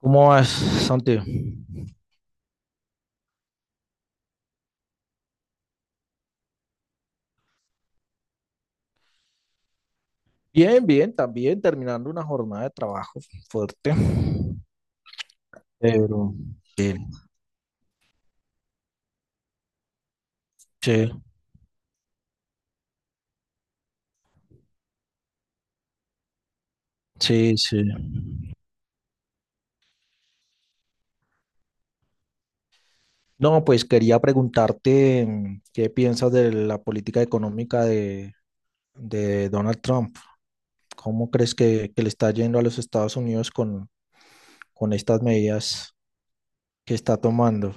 ¿Cómo vas, Santi? Bien, bien, también terminando una jornada de trabajo fuerte, pero bien. Sí, sí, sí. No, pues quería preguntarte qué piensas de la política económica de Donald Trump. ¿Cómo crees que le está yendo a los Estados Unidos con estas medidas que está tomando?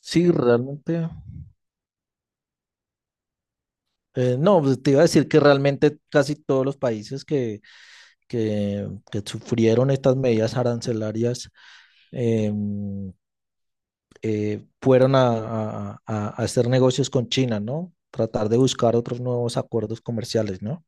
Sí, realmente. No, pues, te iba a decir que realmente casi todos los países que sufrieron estas medidas arancelarias, eh, fueron a hacer negocios con China, ¿no? Tratar de buscar otros nuevos acuerdos comerciales, ¿no?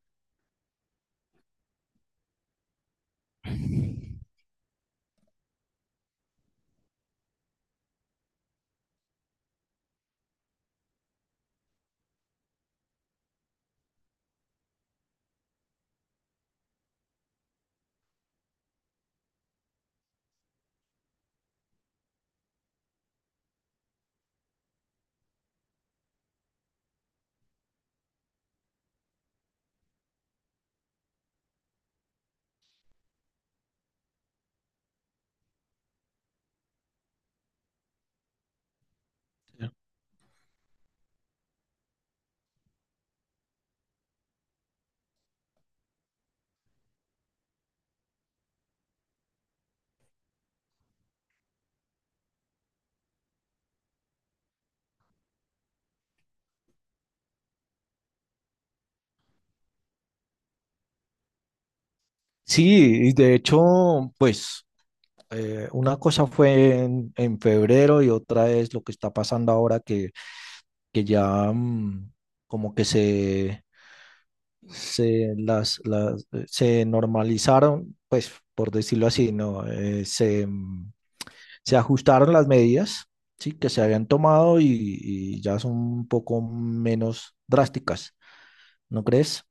Ya. Sí, y de hecho, pues, una cosa fue en febrero y otra es lo que está pasando ahora que ya, como que se normalizaron, pues por decirlo así, ¿no? Se ajustaron las medidas, sí, que se habían tomado y ya son un poco menos drásticas, ¿no crees?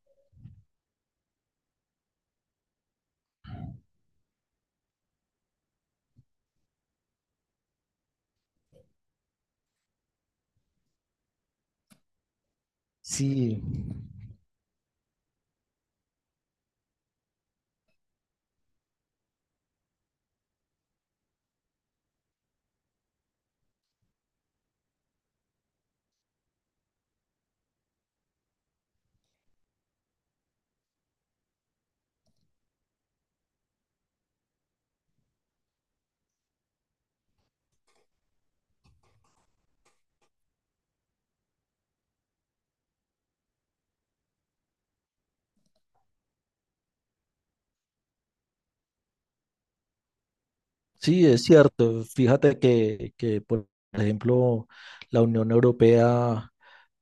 Sí. Sí, es cierto. Fíjate que, por ejemplo, la Unión Europea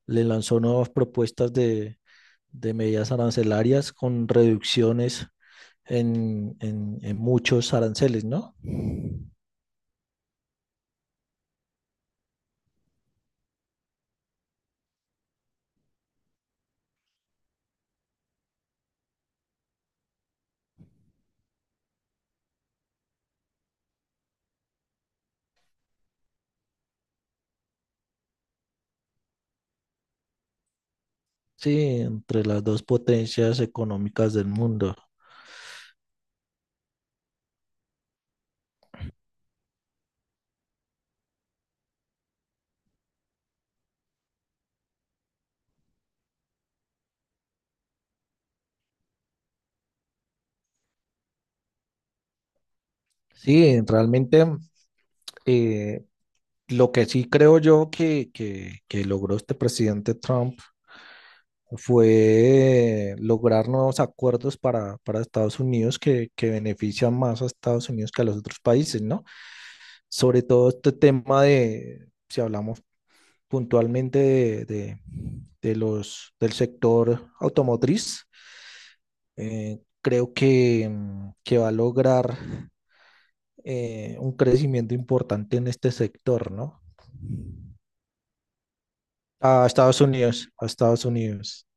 le lanzó nuevas propuestas de medidas arancelarias con reducciones en muchos aranceles, ¿no? Sí, entre las dos potencias económicas del mundo. Sí, realmente. eh, Lo que sí creo yo que logró este presidente Trump fue lograr nuevos acuerdos para Estados Unidos que benefician más a Estados Unidos que a los otros países, ¿no? Sobre todo este tema de, si hablamos puntualmente de del sector automotriz. Creo que va a lograr un crecimiento importante en este sector, ¿no? A Estados Unidos, a Estados Unidos.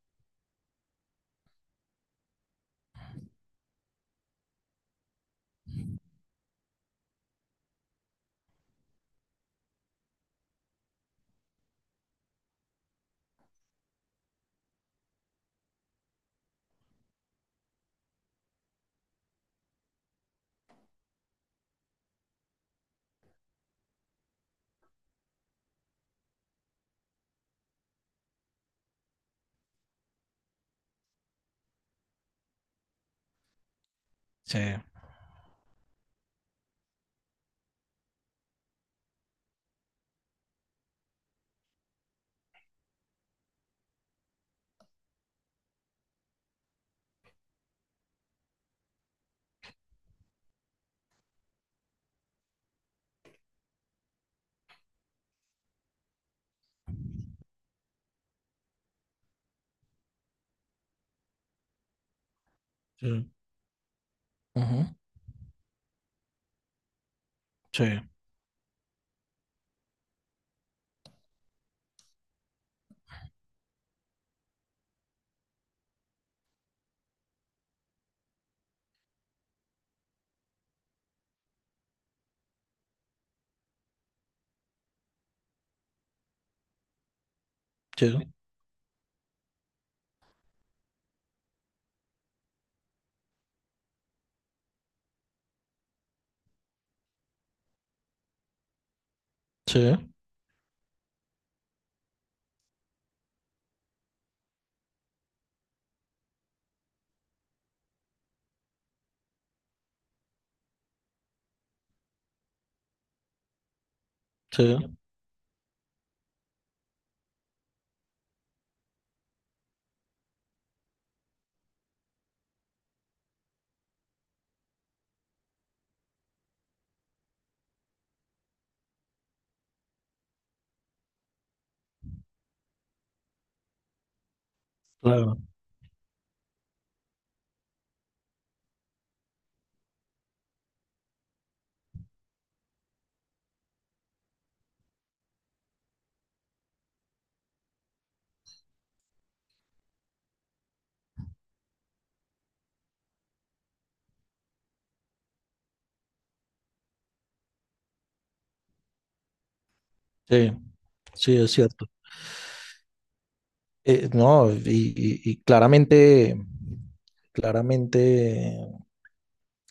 Sí. Sí. Ujú. Sí, sí, sí, sí, claro, sí, sí, es cierto. No, y claramente, claramente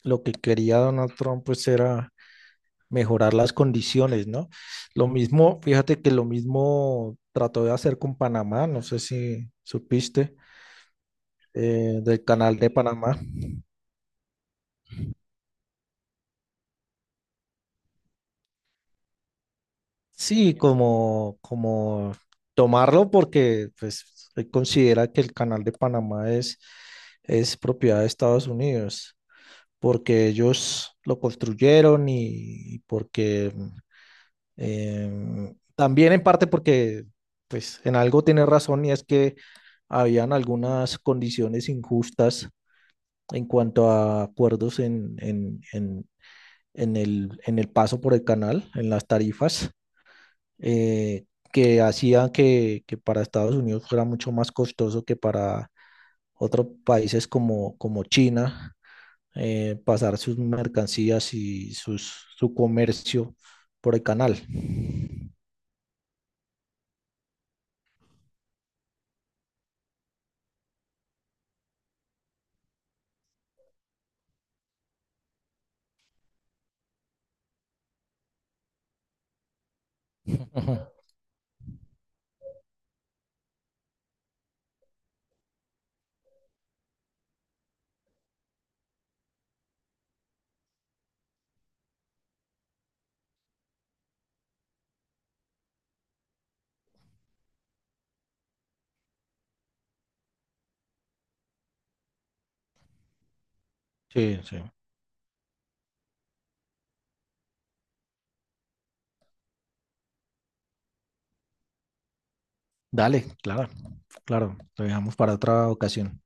lo que quería Donald Trump pues era mejorar las condiciones, ¿no? Lo mismo, fíjate que lo mismo trató de hacer con Panamá, no sé si supiste, del canal de Panamá. Sí, como, como tomarlo porque pues él considera que el canal de Panamá es propiedad de Estados Unidos, porque ellos lo construyeron y porque, también en parte porque pues en algo tiene razón y es que habían algunas condiciones injustas en cuanto a acuerdos en en el paso por el canal, en las tarifas, eh, que hacían que para Estados Unidos fuera mucho más costoso que para otros países como, como China, pasar sus mercancías y sus, su comercio por el canal. Ujú. Sí, sí. Dale, claro, claro, lo dejamos para otra ocasión.